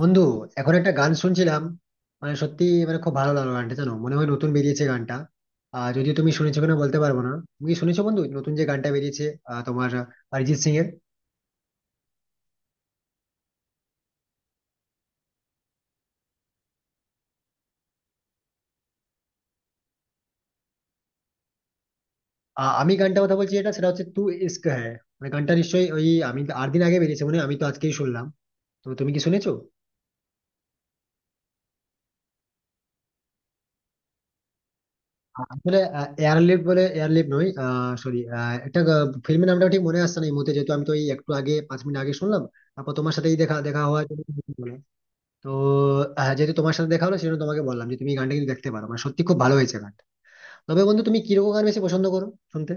বন্ধু, এখন একটা গান শুনছিলাম। মানে সত্যি, মানে খুব ভালো লাগলো গানটা, জানো মনে হয় নতুন বেরিয়েছে গানটা। যদিও তুমি শুনেছো কিনা বলতে পারবো না। তুমি কি শুনেছো বন্ধু, নতুন যে গানটা বেরিয়েছে? তোমার অরিজিৎ সিং এর। আমি গানটা কথা বলছি, এটা সেটা হচ্ছে ইস্ক হ্যায়। মানে গানটা নিশ্চয়ই ওই আমি 8 দিন আগে বেরিয়েছে, মানে আমি তো আজকেই শুনলাম। তো তুমি কি শুনেছো? আসলে এয়ারলিফট বলে, এয়ারলিফট নয়, সরি, একটা ফিল্মের নামটা ঠিক মনে আসছে না এই মুহূর্তে, যেহেতু আমি তো এই একটু আগে 5 মিনিট আগে শুনলাম। তারপর তোমার সাথে এই দেখা দেখা হওয়া। তো যেহেতু তোমার সাথে দেখা হলো সেজন্য তোমাকে বললাম যে তুমি এই গানটা কিন্তু দেখতে পারো, মানে সত্যি খুব ভালো হয়েছে গান। তবে বন্ধু, তুমি কিরকম গান বেশি পছন্দ করো শুনতে?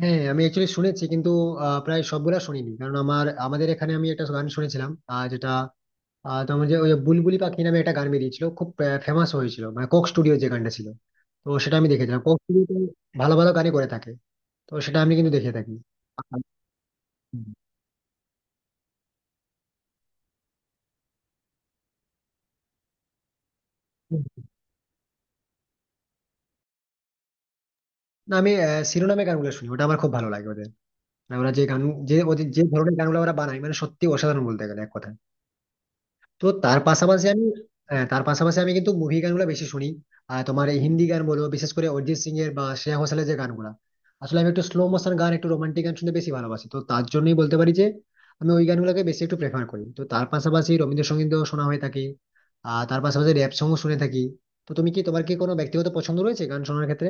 হ্যাঁ, আমি অ্যাকচুয়ালি শুনেছি, কিন্তু প্রায় সবগুলা শুনিনি। কারণ আমার আমাদের এখানে আমি একটা গান শুনেছিলাম, তোমার যে ওই বুলবুলি পাখি নামে একটা গান বেরিয়েছিল, খুব ফেমাস হয়েছিল, মানে কোক স্টুডিও যে গানটা ছিল। তো সেটা আমি দেখেছিলাম। কোক স্টুডিও ভালো ভালো গানই করে থাকে, তো সেটা আমি কিন্তু দেখে থাকি। আর- না, আমি শিরোনামে গানগুলো শুনি, ওটা আমার খুব ভালো লাগে ওদের। না, ওরা যে গান, যে ওদের যে ধরনের গানগুলো ওরা বানায়, মানে সত্যি অসাধারণ বলতে গেলে এক কথায়। তো তার পাশাপাশি আমি, হ্যাঁ, তার পাশাপাশি আমি কিন্তু মুভি গানগুলো বেশি শুনি। আর তোমার এই হিন্দি গান বলো, বিশেষ করে অরিজিৎ সিং এর বা শ্রেয়া ঘোষালের যে গানগুলো। আসলে আমি একটু স্লো মোশন গান, একটু রোমান্টিক গান শুনতে বেশি ভালোবাসি, তো তার জন্যই বলতে পারি যে আমি ওই গানগুলোকে বেশি একটু প্রেফার করি। তো তার পাশাপাশি রবীন্দ্রসঙ্গীতও শোনা হয়ে থাকে, আর তার পাশাপাশি র‍্যাপ সংও শুনে থাকি। তো তুমি কি, তোমার কি কোনো ব্যক্তিগত পছন্দ রয়েছে গান শোনার ক্ষেত্রে?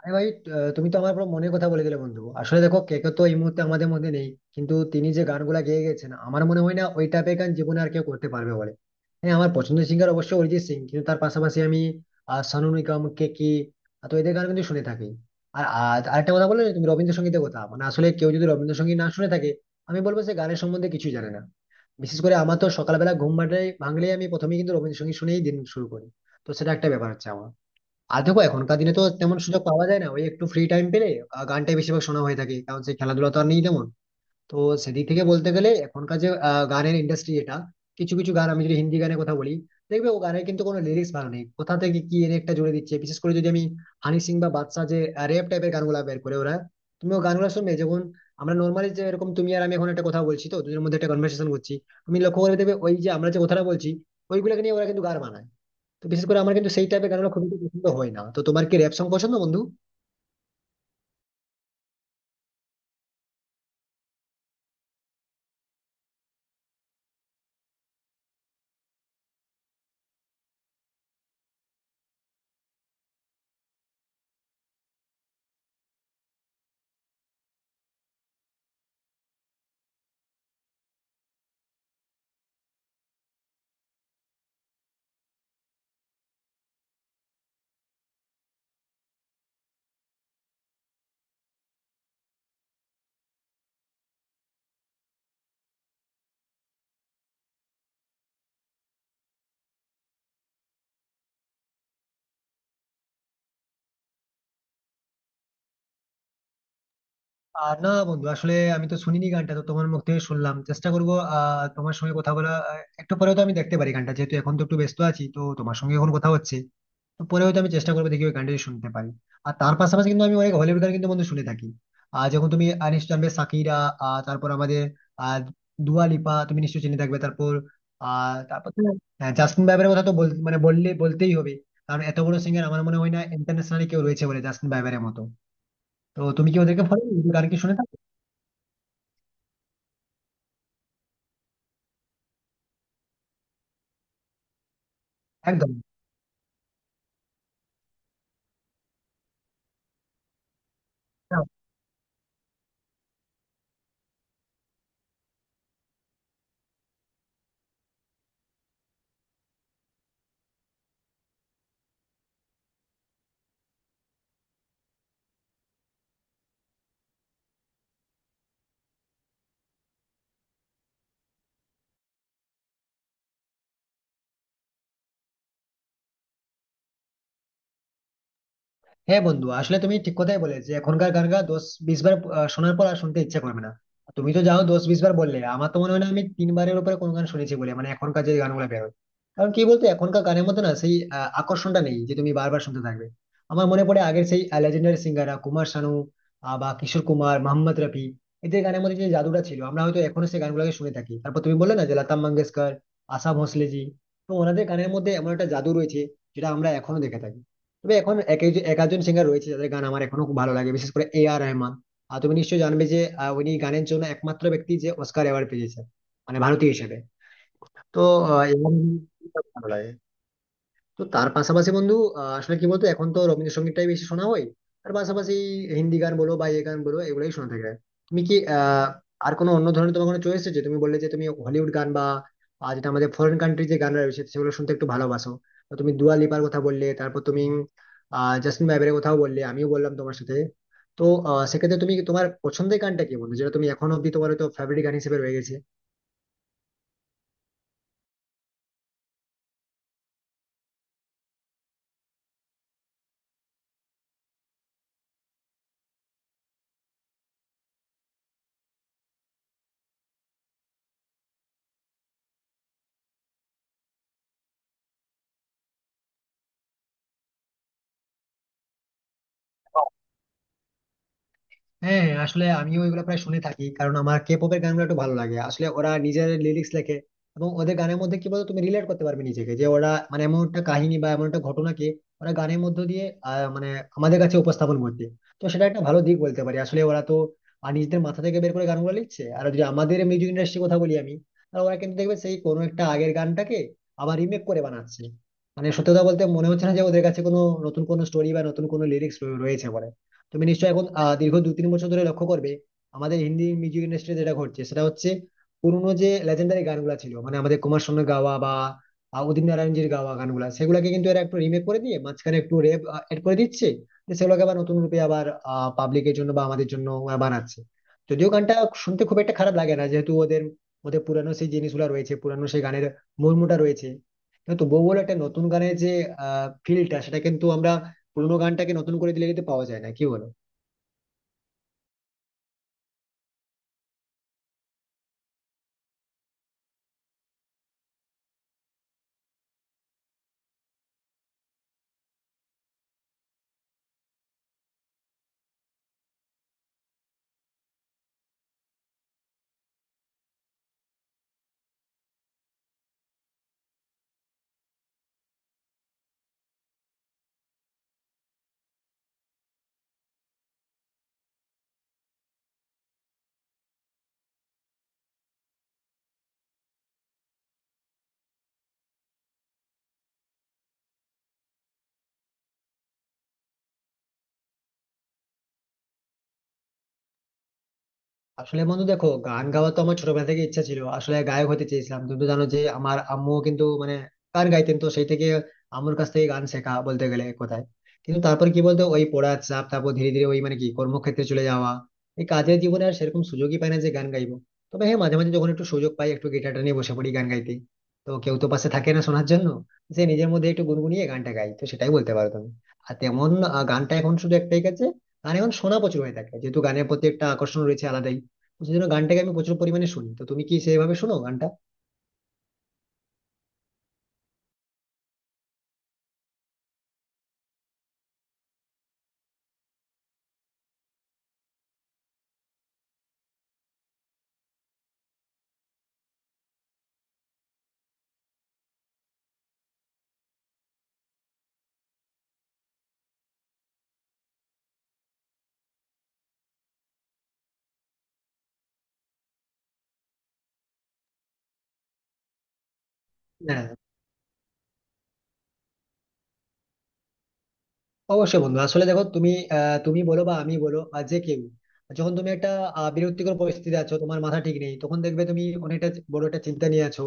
আরে ভাই, তুমি তো আমার পুরো মনের কথা বলে দিলে বন্ধু। আসলে দেখো কেকে তো এই মুহূর্তে আমাদের মধ্যে নেই, কিন্তু তিনি যে গানগুলা গেয়ে গেছেন আমার মনে হয় না ওই টাইপের গান জীবনে আর কেউ করতে পারবে বলে। হ্যাঁ, আমার পছন্দের সিঙ্গার অবশ্যই অরিজিৎ সিং, কিন্তু তার পাশাপাশি আমি সোনু নিগম, কেকি, তো এদের গান কিন্তু শুনে থাকি। আর আর আরেকটা কথা বললে না তুমি রবীন্দ্রসঙ্গীতের কথা, মানে আসলে কেউ যদি রবীন্দ্রসঙ্গীত না শুনে থাকে, আমি বলবো সে গানের সম্বন্ধে কিছুই জানে না। বিশেষ করে আমার তো সকালবেলা ঘুম ভাঙলেই আমি প্রথমেই কিন্তু রবীন্দ্রসঙ্গীত শুনেই দিন শুরু করি। তো সেটা একটা ব্যাপার হচ্ছে আমার। আর দেখো এখনকার দিনে তো তেমন সুযোগ পাওয়া যায় না, ওই একটু ফ্রি টাইম পেলে গানটাই বেশিরভাগ শোনা হয়ে থাকে, কারণ সেই খেলাধুলা তো আর নেই তেমন। তো সেদিক থেকে বলতে গেলে এখনকার যে গানের ইন্ডাস্ট্রি, এটা কিছু কিছু গান আমি যদি হিন্দি গানের কথা বলি, দেখবে ও গানের কিন্তু কোনো লিরিক্স ভালো নেই, কোথা থেকে কি এনে একটা জুড়ে দিচ্ছে। বিশেষ করে যদি আমি হানি সিং বা বাদশা যে র্যাপ টাইপের গানগুলা বের করে ওরা, তুমি ও গানগুলো শুনবে যখন, আমরা নর্মালি যে এরকম তুমি আর আমি এখন একটা কথা বলছি, তো দুজনের মধ্যে একটা কনভার্সেশন করছি, তুমি লক্ষ্য করে দেখবে ওই যে আমরা যে কথাটা বলছি, ওইগুলোকে নিয়ে ওরা কিন্তু গান বানায়। তো বিশেষ করে আমার কিন্তু সেই টাইপের গানগুলো খুব একটা পছন্দ হয় না। তো তোমার কি র্যাপ সং পছন্দ বন্ধু? আর না বন্ধু, আসলে আমি তো শুনিনি গানটা, তো তোমার মুখ থেকে শুনলাম, চেষ্টা করবো। তোমার সঙ্গে কথা বলা একটু পরেও তো আমি দেখতে পারি গানটা, যেহেতু এখন তো একটু ব্যস্ত আছি, তো তোমার সঙ্গে এখন কথা হচ্ছে। তো পরে হয়তো আমি চেষ্টা করবো দেখি ওই গানটা যদি শুনতে পারি। আর তার পাশাপাশি কিন্তু আমি অনেক হলিউড গান কিন্তু বন্ধু শুনে থাকি। আর যখন তুমি নিশ্চয়ই জানবে সাকিরা, আহ, তারপর আমাদের আহ দুয়া লিপা তুমি নিশ্চয়ই চিনে থাকবে। তারপর আহ তারপর তো হ্যাঁ, জাস্টিন বাইবারের কথা তো বল, মানে বললে বলতেই হবে, কারণ এত বড় সিঙ্গার আমার মনে হয় না ইন্টারন্যাশনালি কেউ রয়েছে বলে জাস্টিন বাইবারের মতো। তো তুমি কি ওদেরকে ফলো, গান কি শুনে থাকো? একদম। হ্যাঁ বন্ধু, আসলে তুমি ঠিক কথাই বলে যে এখনকার গান গা 10-20 বার শোনার পর আর শুনতে ইচ্ছা করবে না। তুমি তো যাও 10-20 বার বললে, আমার তো মনে হয় না আমি 3 বারের উপরে কোনো গান শুনেছি বলে, মানে এখনকার যে গানগুলো বেরোয়। কারণ কি বলতো, এখনকার গানের মতো না সেই আকর্ষণটা নেই যে তুমি বারবার শুনতে থাকবে। আমার মনে পড়ে আগের সেই লেজেন্ডারি সিঙ্গাররা, কুমার শানু বা কিশোর কুমার, মোহাম্মদ রফি, এদের গানের মধ্যে যে জাদুটা ছিল, আমরা হয়তো এখনো সেই গানগুলোকে শুনে থাকি। তারপর তুমি বললে না যে লতা মঙ্গেশকর, আশা ভোঁসলেজি, তো ওনাদের গানের মধ্যে এমন একটা জাদু রয়েছে যেটা আমরা এখনো দেখে থাকি। তবে এখন এক আধজন সিঙ্গার রয়েছে যাদের গান আমার এখনো খুব ভালো লাগে, বিশেষ করে এ আর রহমান। আর তুমি নিশ্চয়ই জানবে যে উনি গানের জন্য একমাত্র ব্যক্তি যে অস্কার অ্যাওয়ার্ড পেয়েছে, মানে ভারতীয় হিসেবে। তো এ আর রহমান খুব ভালো লাগে। তো তার পাশাপাশি বন্ধু, আসলে কি বলতো, এখন তো রবীন্দ্রসঙ্গীতটাই বেশি শোনা হয়, তার পাশাপাশি হিন্দি গান বলো বা এই গান বলো, এগুলোই শোনা থাকে। তুমি কি আর কোনো অন্য ধরনের, তোমার কোনো চয়েস আছে? তুমি বললে যে তুমি হলিউড গান বা যেটা আমাদের ফরেন কান্ট্রি যে গান রয়েছে সেগুলো শুনতে একটু ভালোবাসো। তো তুমি দুয়া লিপার কথা বললে, তারপর তুমি জাস্টিন বাইবারের কথাও বললে, আমিও বললাম তোমার সাথে। তো সেক্ষেত্রে তুমি তোমার পছন্দের গানটা কি বলবো যেটা তুমি এখন অব্দি তোমার তো ফেভারিট গান হিসেবে রয়ে গেছে? হ্যাঁ আসলে আমিও এগুলো প্রায় শুনে থাকি, কারণ আমার কে পপের গানগুলো একটু ভালো লাগে। আসলে ওরা নিজের লিরিক্স লেখে, এবং ওদের গানের মধ্যে কি বলতো তুমি রিলেট করতে পারবে নিজেকে, যে ওরা মানে এমন একটা কাহিনী বা এমন একটা ঘটনাকে ওরা গানের মধ্য দিয়ে মানে আমাদের কাছে উপস্থাপন করছে। তো সেটা একটা ভালো দিক বলতে পারি। আসলে ওরা তো নিজেদের মাথা থেকে বের করে গানগুলো লিখছে। আর যদি আমাদের মিউজিক ইন্ডাস্ট্রির কথা বলি আমি, তাহলে ওরা কিন্তু দেখবে সেই কোনো একটা আগের গানটাকে আবার রিমেক করে বানাচ্ছে। মানে সত্যি কথা বলতে মনে হচ্ছে না যে ওদের কাছে কোনো নতুন কোনো স্টোরি বা নতুন কোনো লিরিক্স রয়েছে বলে। তুমি নিশ্চয়ই এখন দীর্ঘ 2-3 বছর ধরে লক্ষ্য করবে আমাদের হিন্দি মিউজিক ইন্ডাস্ট্রি যেটা ঘটছে, সেটা হচ্ছে পুরোনো যে লেজেন্ডারি গানগুলো ছিল, মানে আমাদের কুমার শানুর গাওয়া বা উদিত নারায়ণজীর গাওয়া গানগুলা, সেগুলোকে কিন্তু এরা একটু রিমেক করে দিয়ে মাঝখানে একটু রেপ এড করে দিচ্ছে। তো সেগুলোকে আবার নতুন রূপে আবার পাবলিকের জন্য বা আমাদের জন্য ওরা বানাচ্ছে। যদিও গানটা শুনতে খুব একটা খারাপ লাগে না যেহেতু ওদের ওদের পুরানো সেই জিনিসগুলো রয়েছে, পুরানো সেই গানের মর্মটা রয়েছে। কিন্তু তবুও বলে একটা নতুন গানের যে ফিলটা, সেটা কিন্তু আমরা পুরোনো গানটাকে নতুন করে দিলে কিন্তু পাওয়া যায় না, কি বলো? আসলে বন্ধু দেখো, গান গাওয়া তো আমার ছোটবেলা থেকে ইচ্ছা ছিল, আসলে গায়ক হতে চেয়েছিলাম। তুমি তো জানো যে আমার আম্মু কিন্তু মানে গান গাইতেন, তো সেই থেকে আম্মুর কাছ থেকে গান শেখা বলতে গেলে কোথায়। কিন্তু তারপর কি বলতো ওই পড়ার চাপ, তারপর ধীরে ধীরে ওই মানে কি কর্মক্ষেত্রে চলে যাওয়া, এই কাজের জীবনে আর সেরকম সুযোগই পাই না যে গান গাইবো। তবে হ্যাঁ, মাঝে মাঝে যখন একটু সুযোগ পাই একটু গিটারটা নিয়ে বসে পড়ি গান গাইতে। তো কেউ তো পাশে থাকে না শোনার জন্য, যে নিজের মধ্যে একটু গুনগুনিয়ে গানটা গাই, তো সেটাই বলতে পারো তুমি। আর তেমন গানটা এখন শুধু একটাই কাছে। গান এখন শোনা প্রচুর হয়ে থাকে, যেহেতু গানের প্রতি একটা আকর্ষণ রয়েছে আলাদাই, সেজন্য গানটাকে আমি প্রচুর পরিমাণে শুনি। তো তুমি কি সেইভাবে শোনো গানটা? হ্যাঁ, অবশ্যই বন্ধু। আসলে দেখো, তুমি তুমি বলো বা আমি বলো বা যে কেউ, যখন তুমি একটা বিরক্তিকর পরিস্থিতিতে আছো, তোমার মাথা ঠিক নেই, তখন দেখবে তুমি অনেকটা বড় একটা চিন্তা নিয়ে আছো,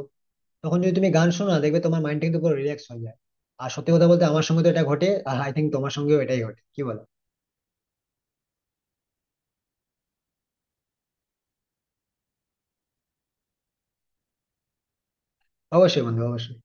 তখন যদি তুমি গান শোনো না, দেখবে তোমার মাইন্ড কিন্তু পুরো রিল্যাক্স হয়ে যায়। আর সত্যি কথা বলতে আমার সঙ্গে তো এটা ঘটে, আই থিঙ্ক তোমার সঙ্গেও এটাই ঘটে, কি বলো? অবশ্যই বন্ধু, অবশ্যই।